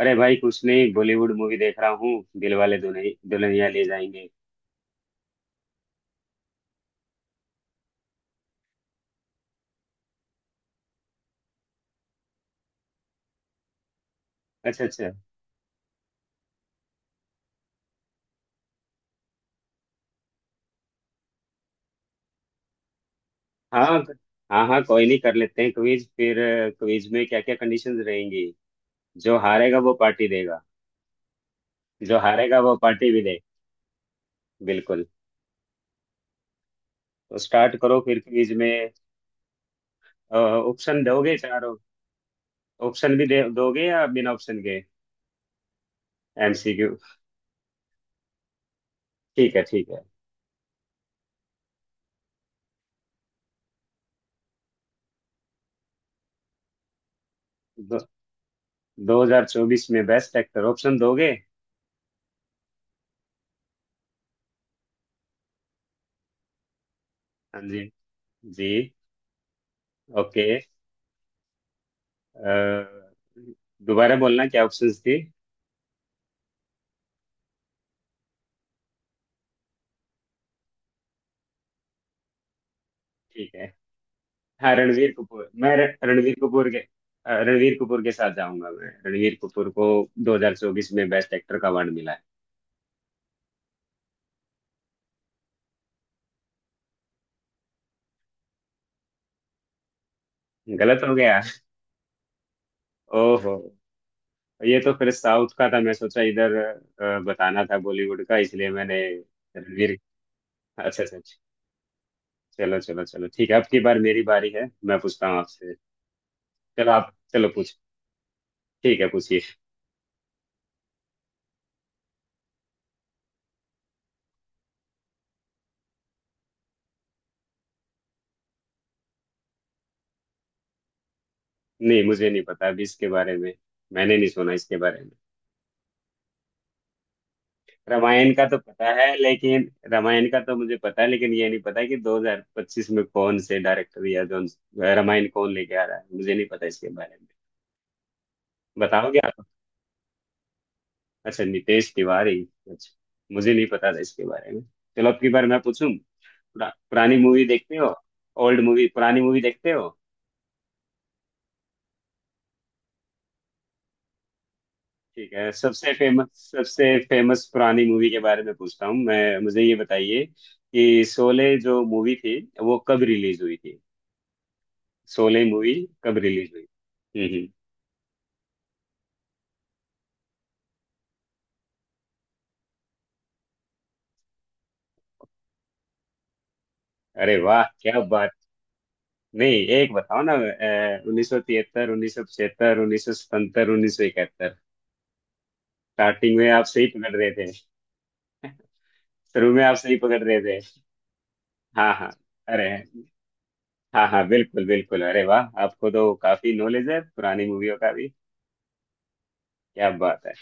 अरे भाई, कुछ नहीं, बॉलीवुड मूवी देख रहा हूँ। दिलवाले दुल्हनिया दुल्हनिया ले जाएंगे। अच्छा अच्छा। हाँ हाँ हाँ, कोई नहीं, कर लेते हैं क्विज फिर। क्विज में क्या क्या कंडीशंस रहेंगी? जो हारेगा वो पार्टी देगा। जो हारेगा वो पार्टी भी दे। बिल्कुल। तो स्टार्ट करो फिर क्विज में। ऑप्शन दोगे चारों? ऑप्शन भी दे दोगे या बिना ऑप्शन के? एमसीक्यू? ठीक है ठीक है। दो, 2024 में बेस्ट एक्टर, ऑप्शन दोगे? हाँ जी। जी। ओके। अ, दोबारा बोलना, क्या ऑप्शंस थे। ठीक है। हाँ, रणवीर कपूर। मैं रणवीर कपूर के, रणवीर कपूर के साथ जाऊंगा। मैं रणवीर कपूर को 2024 में बेस्ट एक्टर का अवार्ड मिला। है गलत हो गया। ओहो। ये तो फिर साउथ का था, मैं सोचा इधर बताना था बॉलीवुड का, इसलिए मैंने रणवीर। अच्छा अच्छा अच्छा। चलो चलो चलो, ठीक है, अब की बार मेरी बारी है, मैं पूछता हूँ आपसे। चलो आप चलो पूछ। ठीक है, पूछिए। नहीं, मुझे नहीं पता अभी इसके बारे में। मैंने नहीं सुना इसके बारे में। रामायण का तो पता है, लेकिन रामायण का तो मुझे पता है, लेकिन ये नहीं पता कि 2025 में कौन से डायरेक्टर या जो रामायण कौन लेके आ रहा है, मुझे नहीं पता इसके बारे में। बताओगे आप? अच्छा, नितेश तिवारी। अच्छा, मुझे नहीं पता था इसके बारे में। चलो अब की बार मैं पूछूं। पुरानी मूवी देखते हो? ओल्ड मूवी, पुरानी मूवी देखते हो? ठीक है, सबसे फेमस, सबसे फेमस पुरानी मूवी के बारे में पूछता हूँ मैं। मुझे ये बताइए कि शोले जो मूवी थी, वो कब रिलीज हुई थी। शोले मूवी कब रिलीज हुई? हम्म हम्म। अरे वाह, क्या बात। नहीं, एक बताओ ना, 1973, 1975, 1970, 1971? स्टार्टिंग में आप सही पकड़ रहे थे। शुरू में आप सही पकड़ रहे थे। हाँ हाँ। अरे। हाँ हाँ, बिल्कुल बिल्कुल, अरे वाह, आपको तो काफी नॉलेज है पुरानी मूवियों का भी। क्या बात है।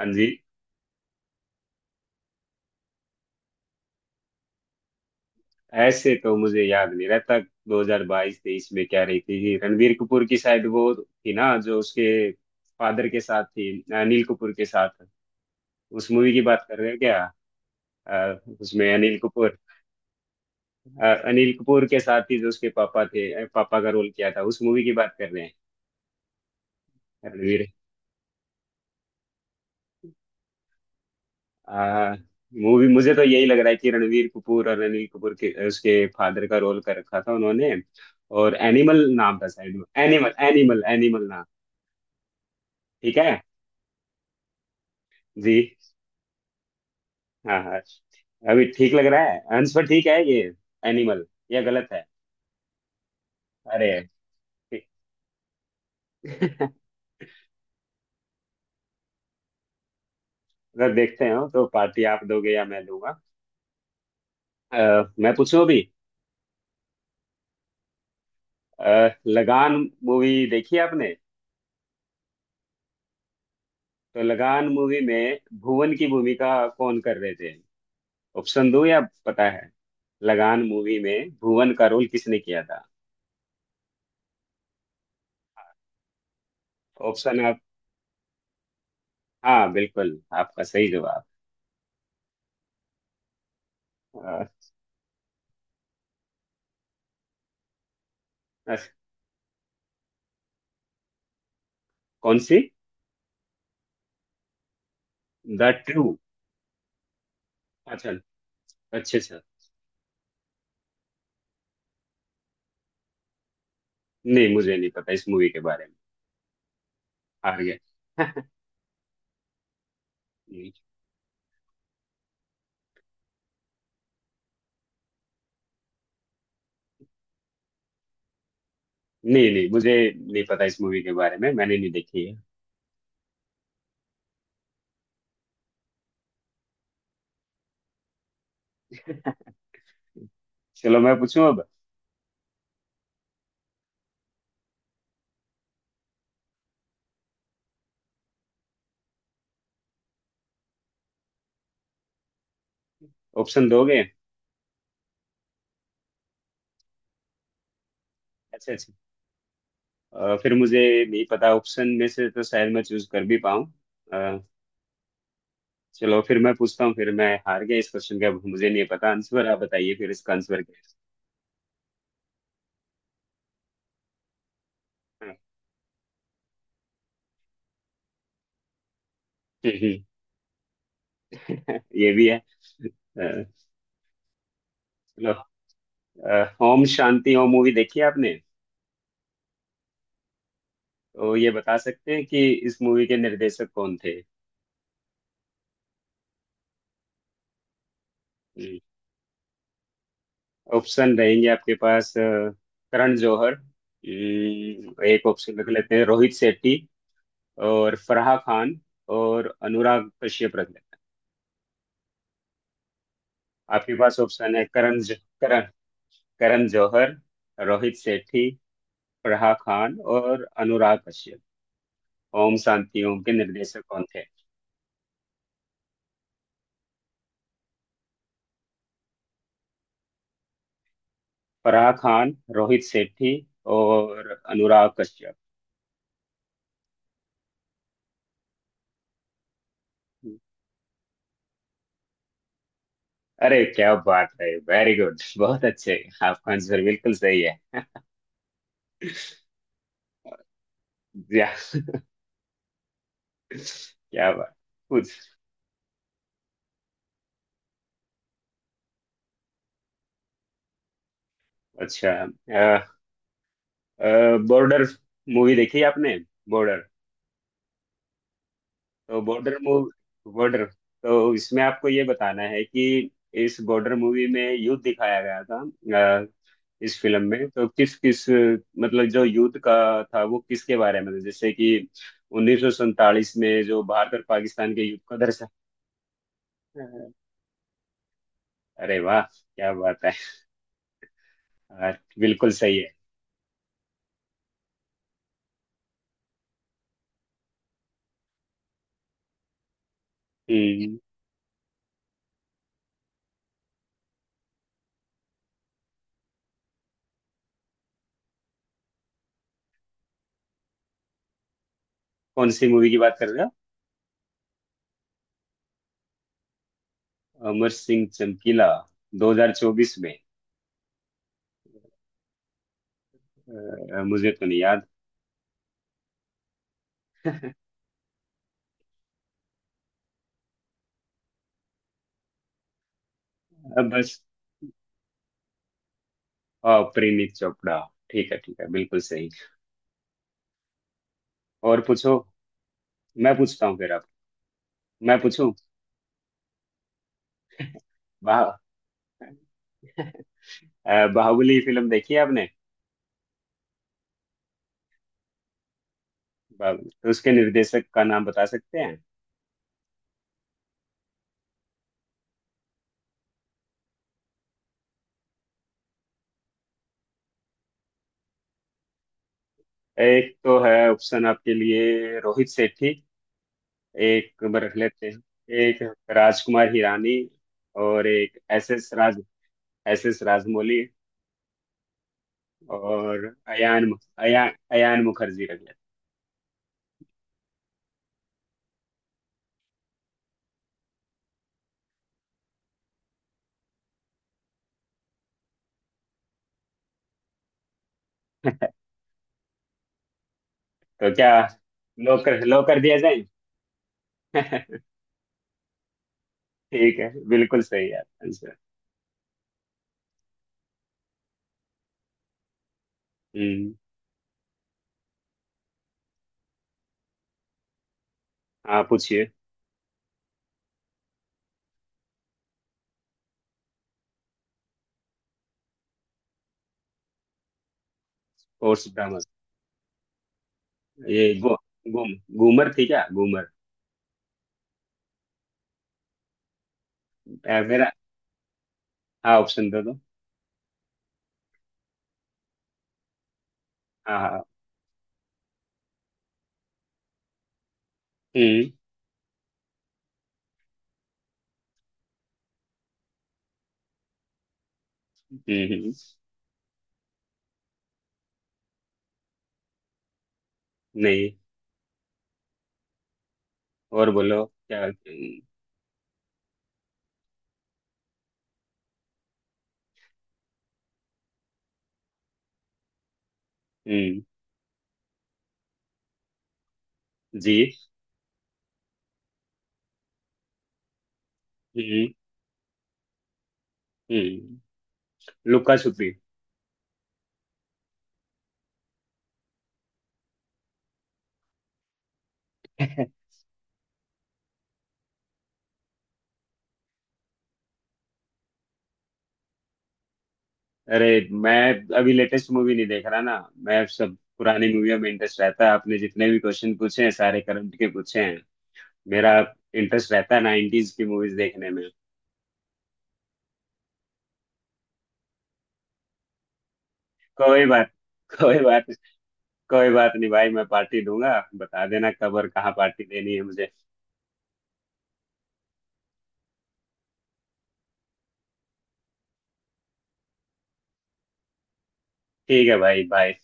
हाँ जी। ऐसे तो मुझे याद नहीं रहता। 2022-23 में क्या रही थी रणबीर कपूर की? शायद वो थी ना, जो उसके फादर के साथ थी। अनिल कपूर के साथ। उस मूवी की बात कर रहे हो क्या? उसमें अनिल कपूर। अनिल कपूर के साथ ही, जो उसके पापा थे, पापा का रोल किया था, उस मूवी की बात कर रहे हैं। रणवीर। आ, मूवी, मुझे तो यही लग रहा है कि रणवीर कपूर और अनिल कपूर के, उसके फादर का रोल कर रखा था उन्होंने। और एनिमल नाम था, साइड में। एनिमल एनिमल एनिमल नाम। ठीक है जी। हाँ हाँ। अभी ठीक लग रहा है आंसर, ठीक है ये, एनिमल। या गलत है। अरे। ठीक। अगर देखते हो तो पार्टी आप दोगे या मैं दूंगा? अ, मैं पूछूं अभी। लगान मूवी देखी आपने? तो लगान मूवी में भुवन की भूमिका कौन कर रहे थे? ऑप्शन दो या पता है? लगान मूवी में भुवन का रोल किसने किया था? ऑप्शन आप? हाँ, बिल्कुल आपका सही जवाब। अ, अस- कौन सी? The true? अच्छा अच्छा अच्छा। नहीं, मुझे नहीं पता इस मूवी के बारे में। हार गया। नहीं नहीं, मुझे नहीं पता इस मूवी के बारे में, मैंने नहीं देखी है। चलो मैं पूछूं अब। ऑप्शन दोगे? अच्छा अच्छा। फिर मुझे नहीं पता, ऑप्शन में से तो शायद मैं चूज कर भी पाऊँ। अ, चलो फिर मैं पूछता हूँ, फिर मैं हार गया इस क्वेश्चन का, मुझे नहीं पता आंसर, आप बताइए फिर इसका आंसर क्या है। ये भी है। चलो ओम शांति ओम मूवी देखी है आपने? तो ये बता सकते हैं कि इस मूवी के निर्देशक कौन थे? ऑप्शन रहेंगे आपके पास। करण जौहर, एक ऑप्शन रख लेते हैं, रोहित शेट्टी और फराह खान और अनुराग कश्यप रख। आपके पास ऑप्शन है: करण ज, करण करण जौहर, रोहित सेठी, फराह खान और अनुराग कश्यप। ओम शांति ओम के निर्देशक कौन थे? फराह खान, रोहित सेठी और अनुराग कश्यप? अरे क्या बात है, वेरी गुड, बहुत अच्छे। आपका आंसर बिल्कुल सही है। या, क्या बात। कुछ। अच्छा। बॉर्डर मूवी देखी है आपने? बॉर्डर। तो बॉर्डर मूव बॉर्डर तो इसमें आपको ये बताना है कि इस बॉर्डर मूवी में युद्ध दिखाया गया था। अ, इस फिल्म में तो किस किस, मतलब जो युद्ध का था वो किसके बारे में था, जैसे कि 1947 में जो भारत और पाकिस्तान के युद्ध को दर्शा। अरे वाह क्या बात है यार, बिल्कुल सही है। हम्म, कौन सी मूवी की बात कर रहे हो? अमर सिंह चमकीला, 2024 में? मुझे तो नहीं याद। अब बस। परिणीत चोपड़ा। ठीक है ठीक है, बिल्कुल सही। और पूछो। मैं पूछता हूँ फिर आप। मैं पूछूं। बाह बाहुबली फिल्म देखी है आपने? बाहुबली तो, उसके निर्देशक का नाम बता सकते हैं। एक तो है ऑप्शन आपके लिए रोहित सेठी। एक मैं रख लेते हैं, एक राजकुमार हिरानी, और एक एस एस राज S.S. राजमौली, और अयान अयान अयान मुखर्जी रख लेते हैं। तो क्या? लो कर लो, कर दिया जाए। ठीक है, बिल्कुल सही है आपका आंसर। हम्म। हाँ, पूछिए। और सुदामा। ये गो, गुम घूमर थी क्या? घूमर? मेरा। हाँ, ऑप्शन दे दो। हाँ हाँ। हम्म हम्म हम्म, नहीं। और बोलो, क्या? हम्म। हम्म, जी। हम्म हम्म। लुका छुपी। अरे, मैं अभी लेटेस्ट मूवी नहीं देख रहा ना। मैं सब पुरानी मूवियों में इंटरेस्ट रहता है, आपने जितने भी क्वेश्चन पूछे हैं सारे करंट के पूछे हैं। मेरा इंटरेस्ट रहता है नाइनटीज की मूवीज देखने में। कोई बात। कोई बात। कोई बात नहीं भाई, मैं पार्टी दूंगा। बता देना कब और कहाँ पार्टी देनी है मुझे। ठीक है भाई, बाय।